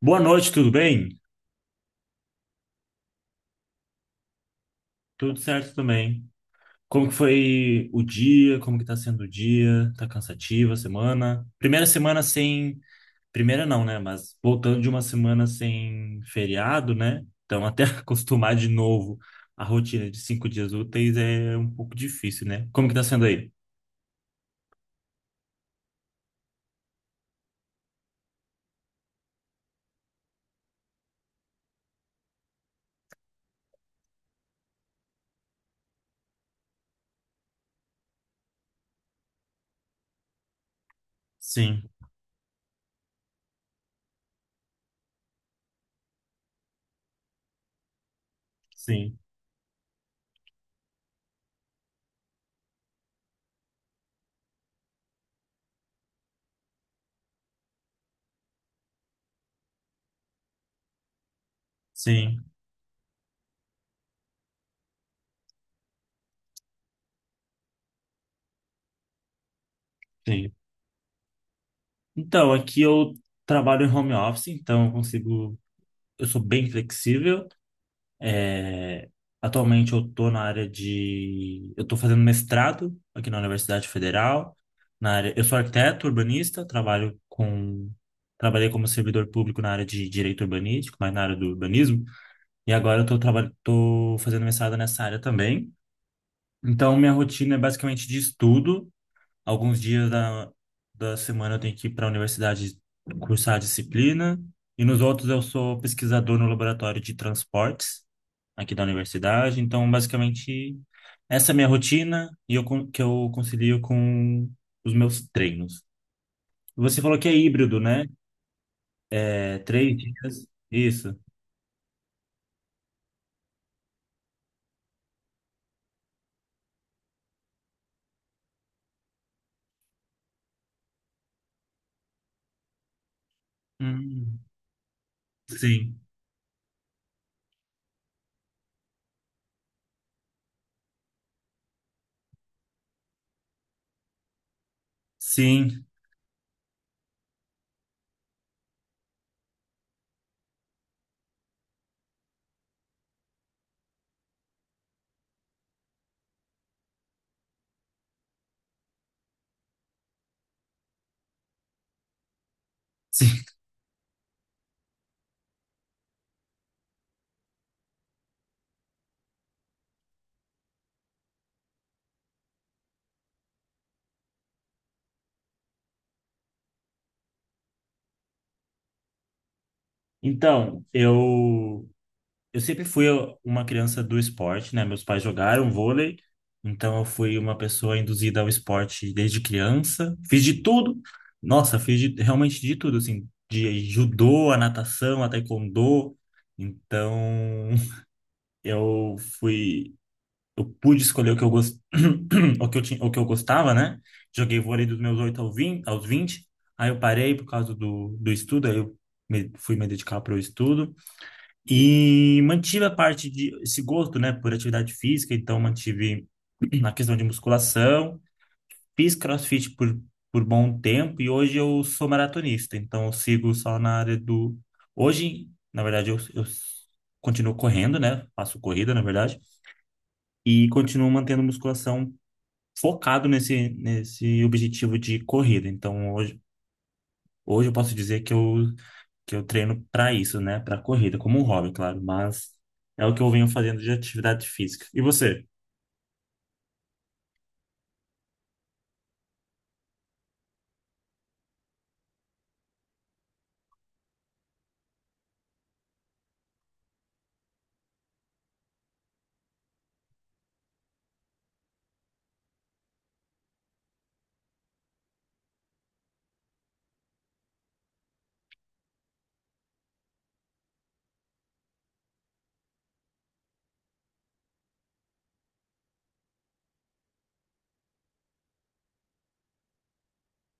Boa noite, tudo bem? Tudo certo também. Como que foi o dia? Como que tá sendo o dia? Tá cansativa a semana? Primeira semana sem... Primeira não, né? Mas voltando de uma semana sem feriado, né? Então até acostumar de novo a rotina de cinco dias úteis é um pouco difícil, né? Como que tá sendo aí? Sim, sim, sim, sim. Então, aqui eu trabalho em home office, então eu consigo... Eu sou bem flexível. É, atualmente eu estou na área de. Eu estou fazendo mestrado aqui na Universidade Federal. Na área... Eu sou arquiteto urbanista, trabalho com. Trabalhei como servidor público na área de direito urbanístico, mas na área do urbanismo. E agora eu estou trabalhando... tô fazendo mestrado nessa área também. Então, minha rotina é basicamente de estudo. Alguns dias da semana eu tenho que ir para a universidade cursar a disciplina. E nos outros eu sou pesquisador no laboratório de transportes aqui da universidade. Então, basicamente, essa é a minha rotina e eu concilio com os meus treinos. Você falou que é híbrido, né? É três dias. Isso. Hum. Sim, sim, sim. Então, eu sempre fui uma criança do esporte, né? Meus pais jogaram vôlei, então eu fui uma pessoa induzida ao esporte desde criança. Fiz de tudo. Nossa, realmente de tudo, assim, de judô, a natação, a taekwondo. Então, eu fui, eu pude escolher o que eu o que eu tinha, o que eu gostava, né? Joguei vôlei dos meus 8 ao 20, aos vinte. Aí eu parei por causa do estudo, aí eu fui me dedicar para o estudo. E mantive a parte de esse gosto, né, por atividade física, então mantive na questão de musculação, fiz CrossFit por bom tempo e hoje eu sou maratonista, então eu sigo só na área do hoje, Na verdade eu continuo correndo, né? Faço corrida, na verdade, e continuo mantendo musculação focado nesse objetivo de corrida. Então hoje eu posso dizer que eu treino para isso, né? Para corrida, como um hobby, claro, mas é o que eu venho fazendo de atividade física. E você?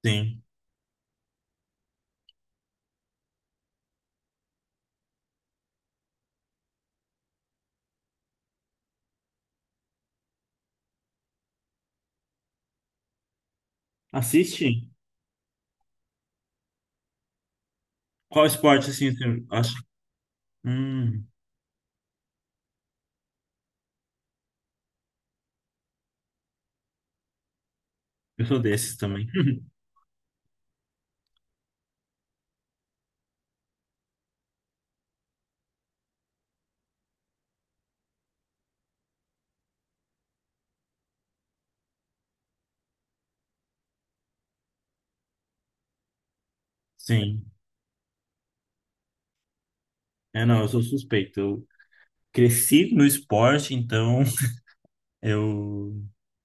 Sim. Assiste? Qual esporte assim você acha? Hum, eu sou desses também. Sim. É, não, eu sou suspeito. Eu cresci no esporte, então eu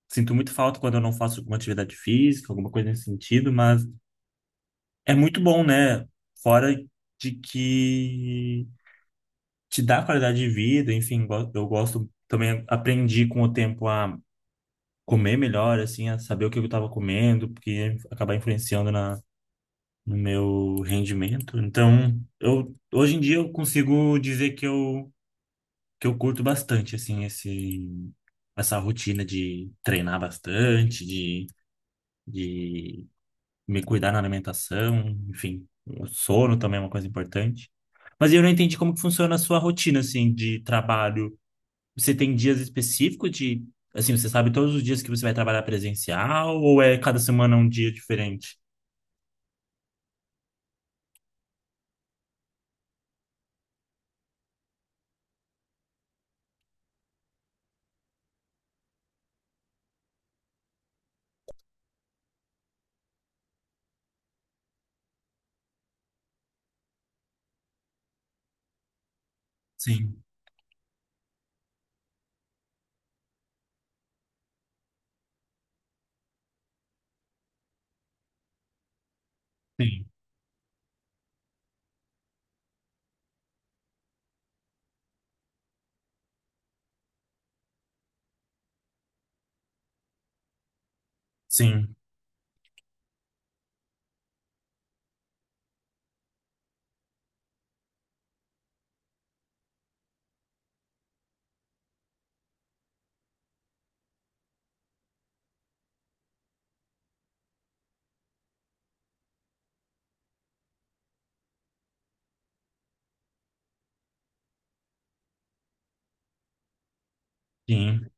sinto muito falta quando eu não faço alguma atividade física, alguma coisa nesse sentido, mas é muito bom, né? Fora de que te dá qualidade de vida, enfim, eu gosto também, aprendi com o tempo a comer melhor, assim, a saber o que eu estava comendo, porque ia acabar influenciando no meu rendimento. Então, eu hoje em dia eu consigo dizer que eu curto bastante assim esse essa rotina de treinar bastante, de me cuidar na alimentação, enfim, o sono também é uma coisa importante. Mas eu não entendi como que funciona a sua rotina assim de trabalho. Você tem dias específicos de, assim, você sabe todos os dias que você vai trabalhar presencial ou é cada semana um dia diferente? Sim, sim, sim, sim,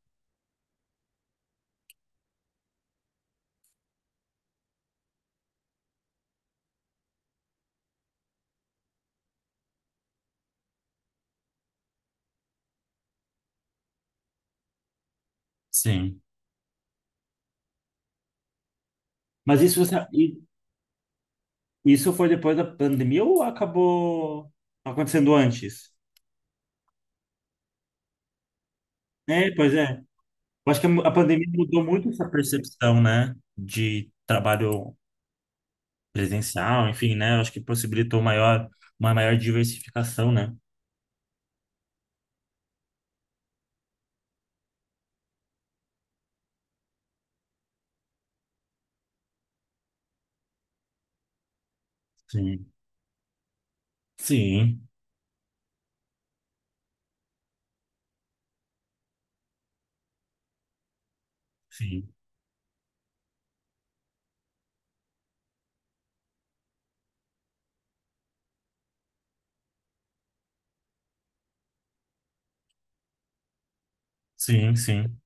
sim. Mas isso foi depois da pandemia ou acabou acontecendo antes? É, pois é. Eu acho que a pandemia mudou muito essa percepção, né, de trabalho presencial, enfim, né? Eu acho que possibilitou uma maior diversificação, né? Sim, sim, sim, sim, sim.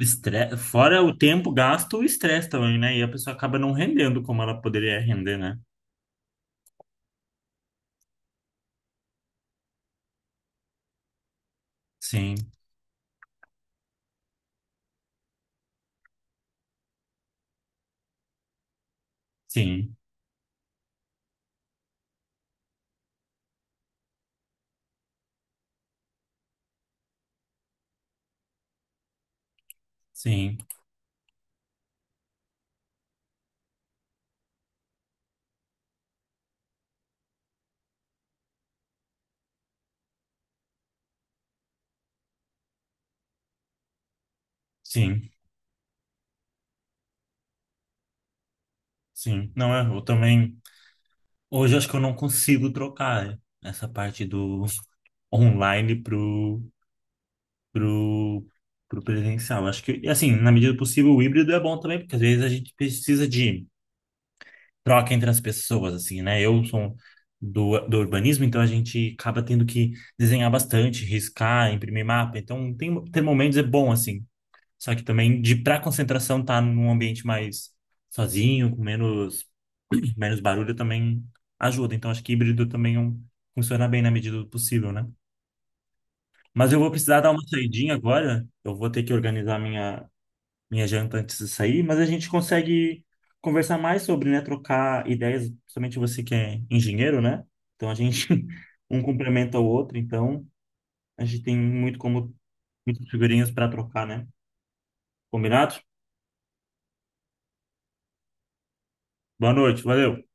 Fora o tempo gasto, o estresse também, né? E a pessoa acaba não rendendo como ela poderia render, né? Sim, sim, sim, sim, sim. Não, é, eu também. Hoje eu acho que eu não consigo trocar essa parte do online pro, pro, pro presencial. Acho que, assim, na medida do possível, o híbrido é bom também, porque às vezes a gente precisa de troca entre as pessoas, assim, né? Eu sou do urbanismo, então a gente acaba tendo que desenhar bastante, riscar, imprimir mapa. Então, ter momentos é bom, assim. Só que também, de para concentração, tá num ambiente mais sozinho, com menos, menos barulho, também ajuda. Então, acho que híbrido também é funciona bem na medida do possível, né? Mas eu vou precisar dar uma saidinha agora. Eu vou ter que organizar minha janta antes de sair, mas a gente consegue conversar mais sobre, né, trocar ideias, principalmente você que é engenheiro, né? Então a gente um complementa o outro, então a gente tem muito como muitas figurinhas para trocar, né? Combinado? Boa noite, valeu.